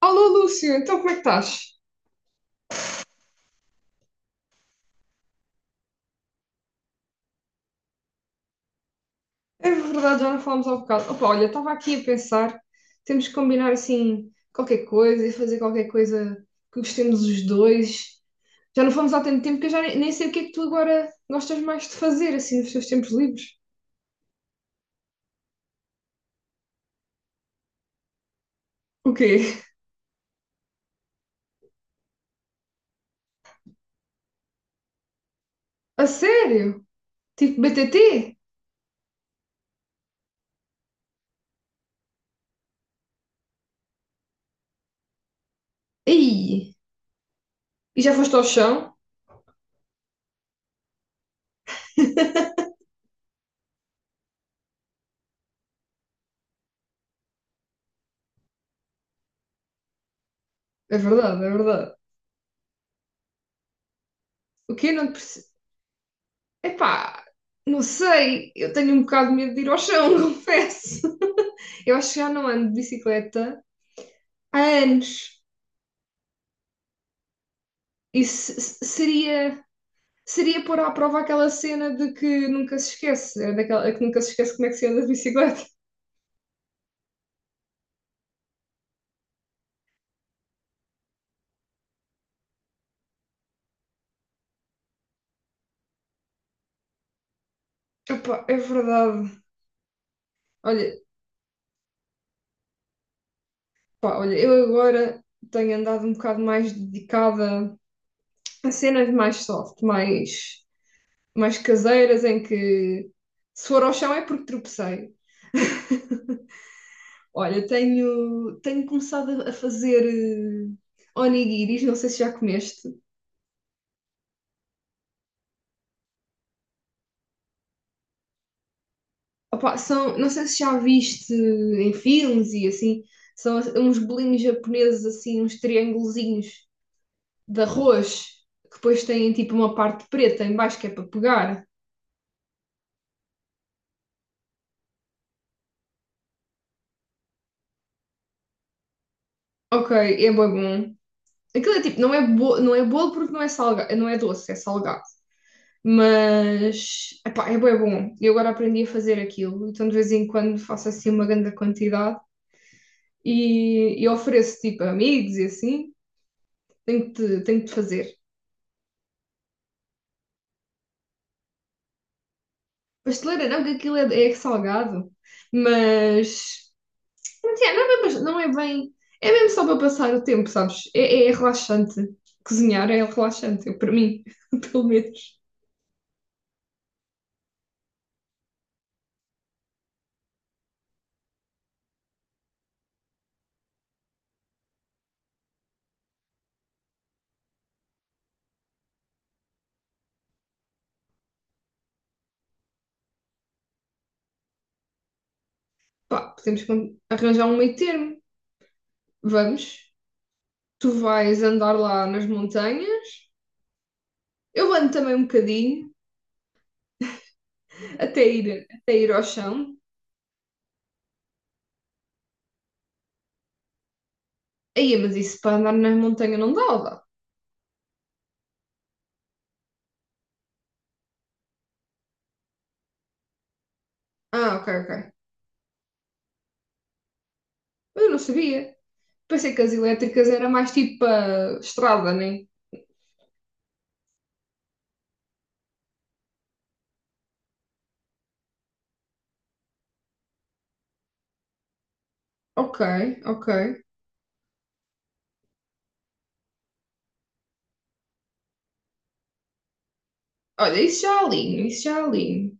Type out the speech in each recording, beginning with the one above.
Alô, Lúcio, então como é que estás? É verdade, já não falamos há um bocado. Opa, olha, estava aqui a pensar, temos que combinar assim qualquer coisa e fazer qualquer coisa que gostemos os dois. Já não fomos há tanto tempo que eu já nem sei o que é que tu agora gostas mais de fazer, assim, nos teus tempos livres. O quê? A sério? Tipo BTT? Ei! E já foste ao chão? É verdade, é verdade. O quê? Não, epá, não sei, eu tenho um bocado de medo de ir ao chão, confesso. Eu acho que já não ando de bicicleta há anos. Isso seria, seria pôr à prova aquela cena de que nunca se esquece, é daquela que nunca se esquece como é que se anda de bicicleta. Epá, é verdade. Olha, pá, olha, eu agora tenho andado um bocado mais dedicada a cenas mais soft, mais caseiras, em que se for ao chão é porque tropecei. Olha, tenho começado a fazer onigiris, não sei se já comeste. Opa, são, não sei se já viste em filmes e assim, são uns bolinhos japoneses assim, uns triângulozinhos de arroz, que depois têm tipo uma parte preta em baixo que é para pegar. Ok, é bué bom. Aquilo é tipo, não é, bo não é bolo porque não é salgado, não é doce, é salgado. Mas, epá, é bué bom. Eu agora aprendi a fazer aquilo, então de vez em quando faço assim uma grande quantidade. E ofereço tipo a amigos e assim, tenho que te fazer. Pasteleira não, que aquilo é salgado, mas yeah, não, é bem, não é bem, é mesmo só para passar o tempo, sabes? É relaxante. Cozinhar é relaxante, para mim, pelo menos. Pá, podemos arranjar um meio termo. Vamos, tu vais andar lá nas montanhas, eu ando também um bocadinho, até ir ao chão. Aí, mas isso para andar na montanha não dá, ou dá? Ah, ok. Mas eu não sabia. Pensei que as elétricas era mais tipo a estrada, né? Ok, ok. Olha, isso já alinho, isso já alinho.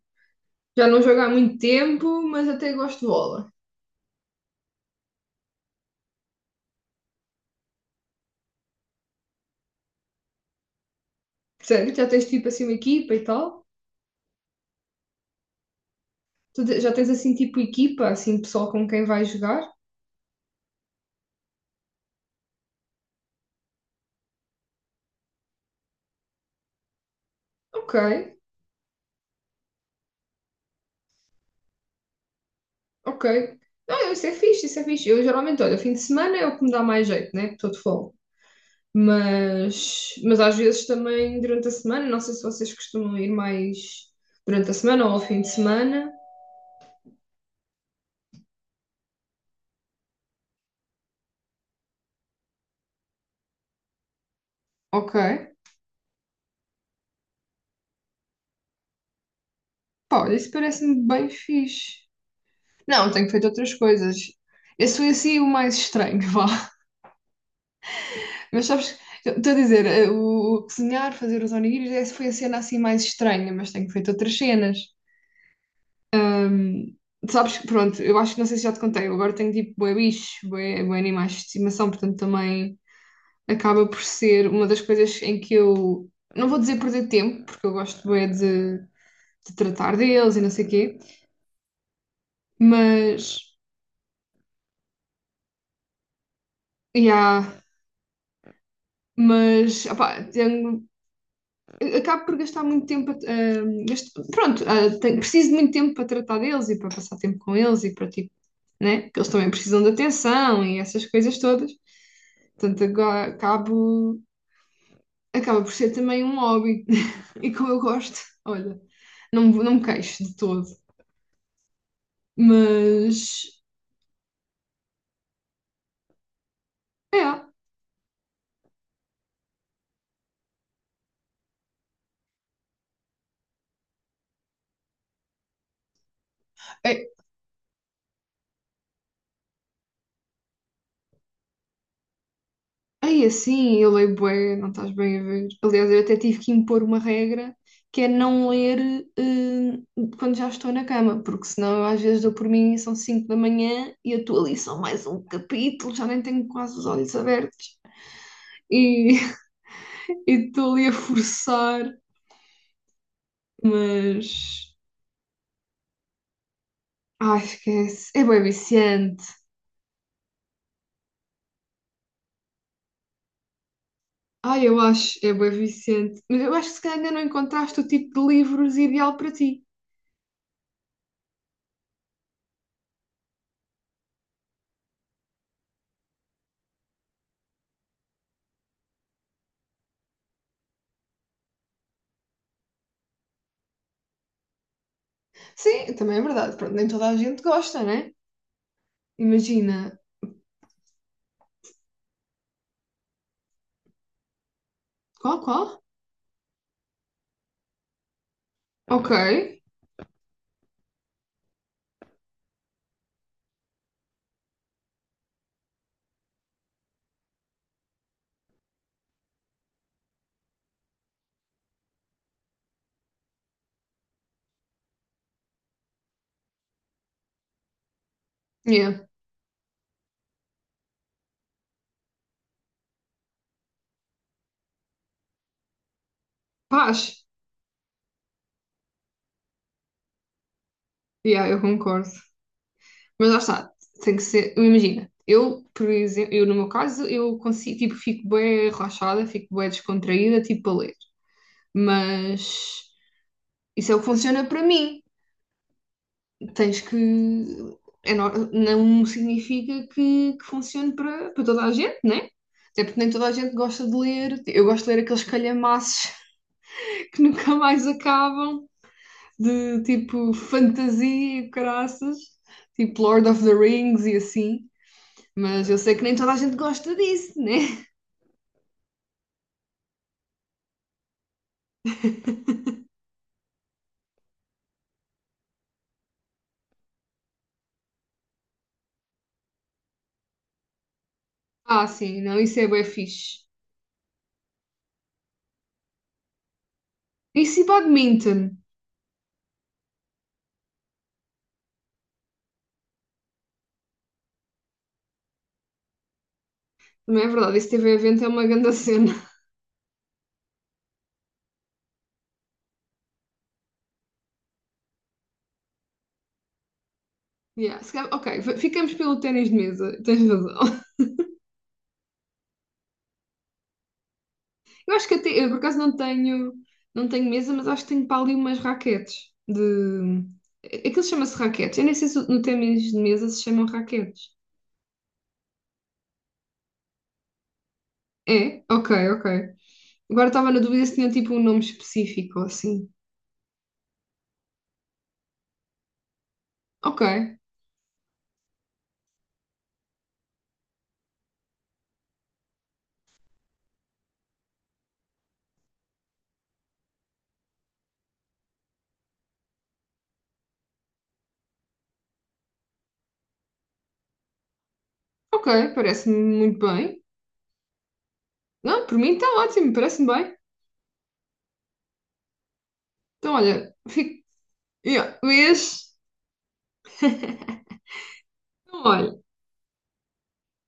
Já não jogo há muito tempo, mas até gosto de bola. Sério? Já tens tipo assim uma equipa e tal? Já tens assim tipo equipa, assim pessoal com quem vais jogar? Ok, ok. Não, isso é fixe, isso é fixe. Eu geralmente, olha, fim de semana é o que me dá mais jeito, né? Estou de folga. Mas às vezes também durante a semana, não sei se vocês costumam ir mais durante a semana ou ao fim de semana. Ok. Pá, olha, isso parece-me bem fixe. Não, tenho feito outras coisas. Esse foi assim o mais estranho, vá. Mas sabes, eu estou a dizer, o cozinhar, fazer os onigiris, essa foi a cena assim mais estranha, mas tenho feito outras cenas. Ahm, sabes, que, pronto, eu acho que não sei se já te contei, eu agora tenho tipo bué bicho, bué animais de estimação, portanto também acaba por ser uma das coisas em que eu não vou dizer perder tempo, porque eu gosto bem de tratar deles e não sei o quê, mas yeah, mas opá, acabo por gastar muito tempo pronto, preciso de muito tempo para tratar deles e para passar tempo com eles e para tipo, né? Porque eles também precisam de atenção e essas coisas todas. Portanto, acaba por ser também um hobby e como eu gosto, olha, não, não me queixo de todo. Mas é, é, é assim, eu leio bué, não estás bem a ver. Aliás, eu até tive que impor uma regra que é não ler quando já estou na cama, porque senão eu às vezes dou por mim e são 5 da manhã e eu estou ali só mais um capítulo, já nem tenho quase os olhos abertos e e estou ali a forçar, mas ai, esquece, é bué viciante. Ai, eu acho, é bué viciante, mas eu acho que se calhar ainda não encontraste o tipo de livros ideal para ti. Sim, também é verdade. Pronto, nem toda a gente gosta, né? Imagina. Qual, qual? Ok. Yeah. Paz. Yeah, eu concordo. Mas lá está. Tem que ser. Eu Imagina. Eu, por exemplo, eu no meu caso, eu consigo, tipo, fico bem relaxada, fico bem descontraída, tipo, a ler. Mas isso é o que funciona para mim. Tens que. É, não significa que funcione para toda a gente, né? Até porque nem toda a gente gosta de ler. Eu gosto de ler aqueles calhamaços que nunca mais acabam, de tipo fantasia e caraças, tipo Lord of the Rings e assim. Mas eu sei que nem toda a gente gosta disso, né? Ah, sim, não, isso é bué fixe. Isso e badminton. Não é verdade, esse TV evento é uma grande cena. Yeah, se calhar- ok, ficamos pelo ténis de mesa, tens razão. Eu acho que até, eu por acaso não tenho, não tenho mesa, mas acho que tenho para ali umas raquetes de... Aquilo chama-se raquetes. Eu nem sei se no ténis de mesa se chamam raquetes. É? Ok, ok. Agora estava na dúvida se tinha tipo um nome específico assim. Ok, ok, parece-me muito bem. Não, por mim está ótimo, parece-me bem. Então, olha, fica. Yeah, vês? Então, olha,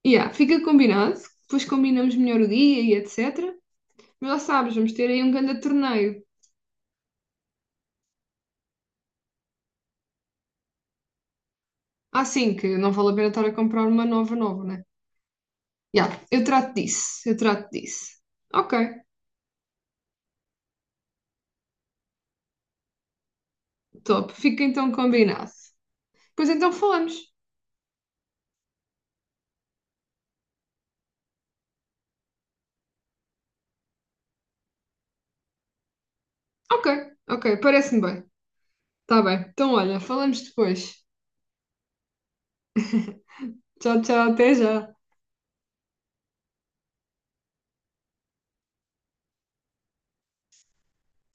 yeah, fica combinado, depois combinamos melhor o dia e etc. Mas já sabes, vamos ter aí um grande torneio. Ah, sim, que não vale a pena estar a comprar uma nova, né? Yeah, eu trato disso, eu trato disso. Ok, top, fica então combinado. Pois então falamos. Ok, ok, parece-me bem. Tá bem. Então, olha, falamos depois. Tchau, tchau, até já.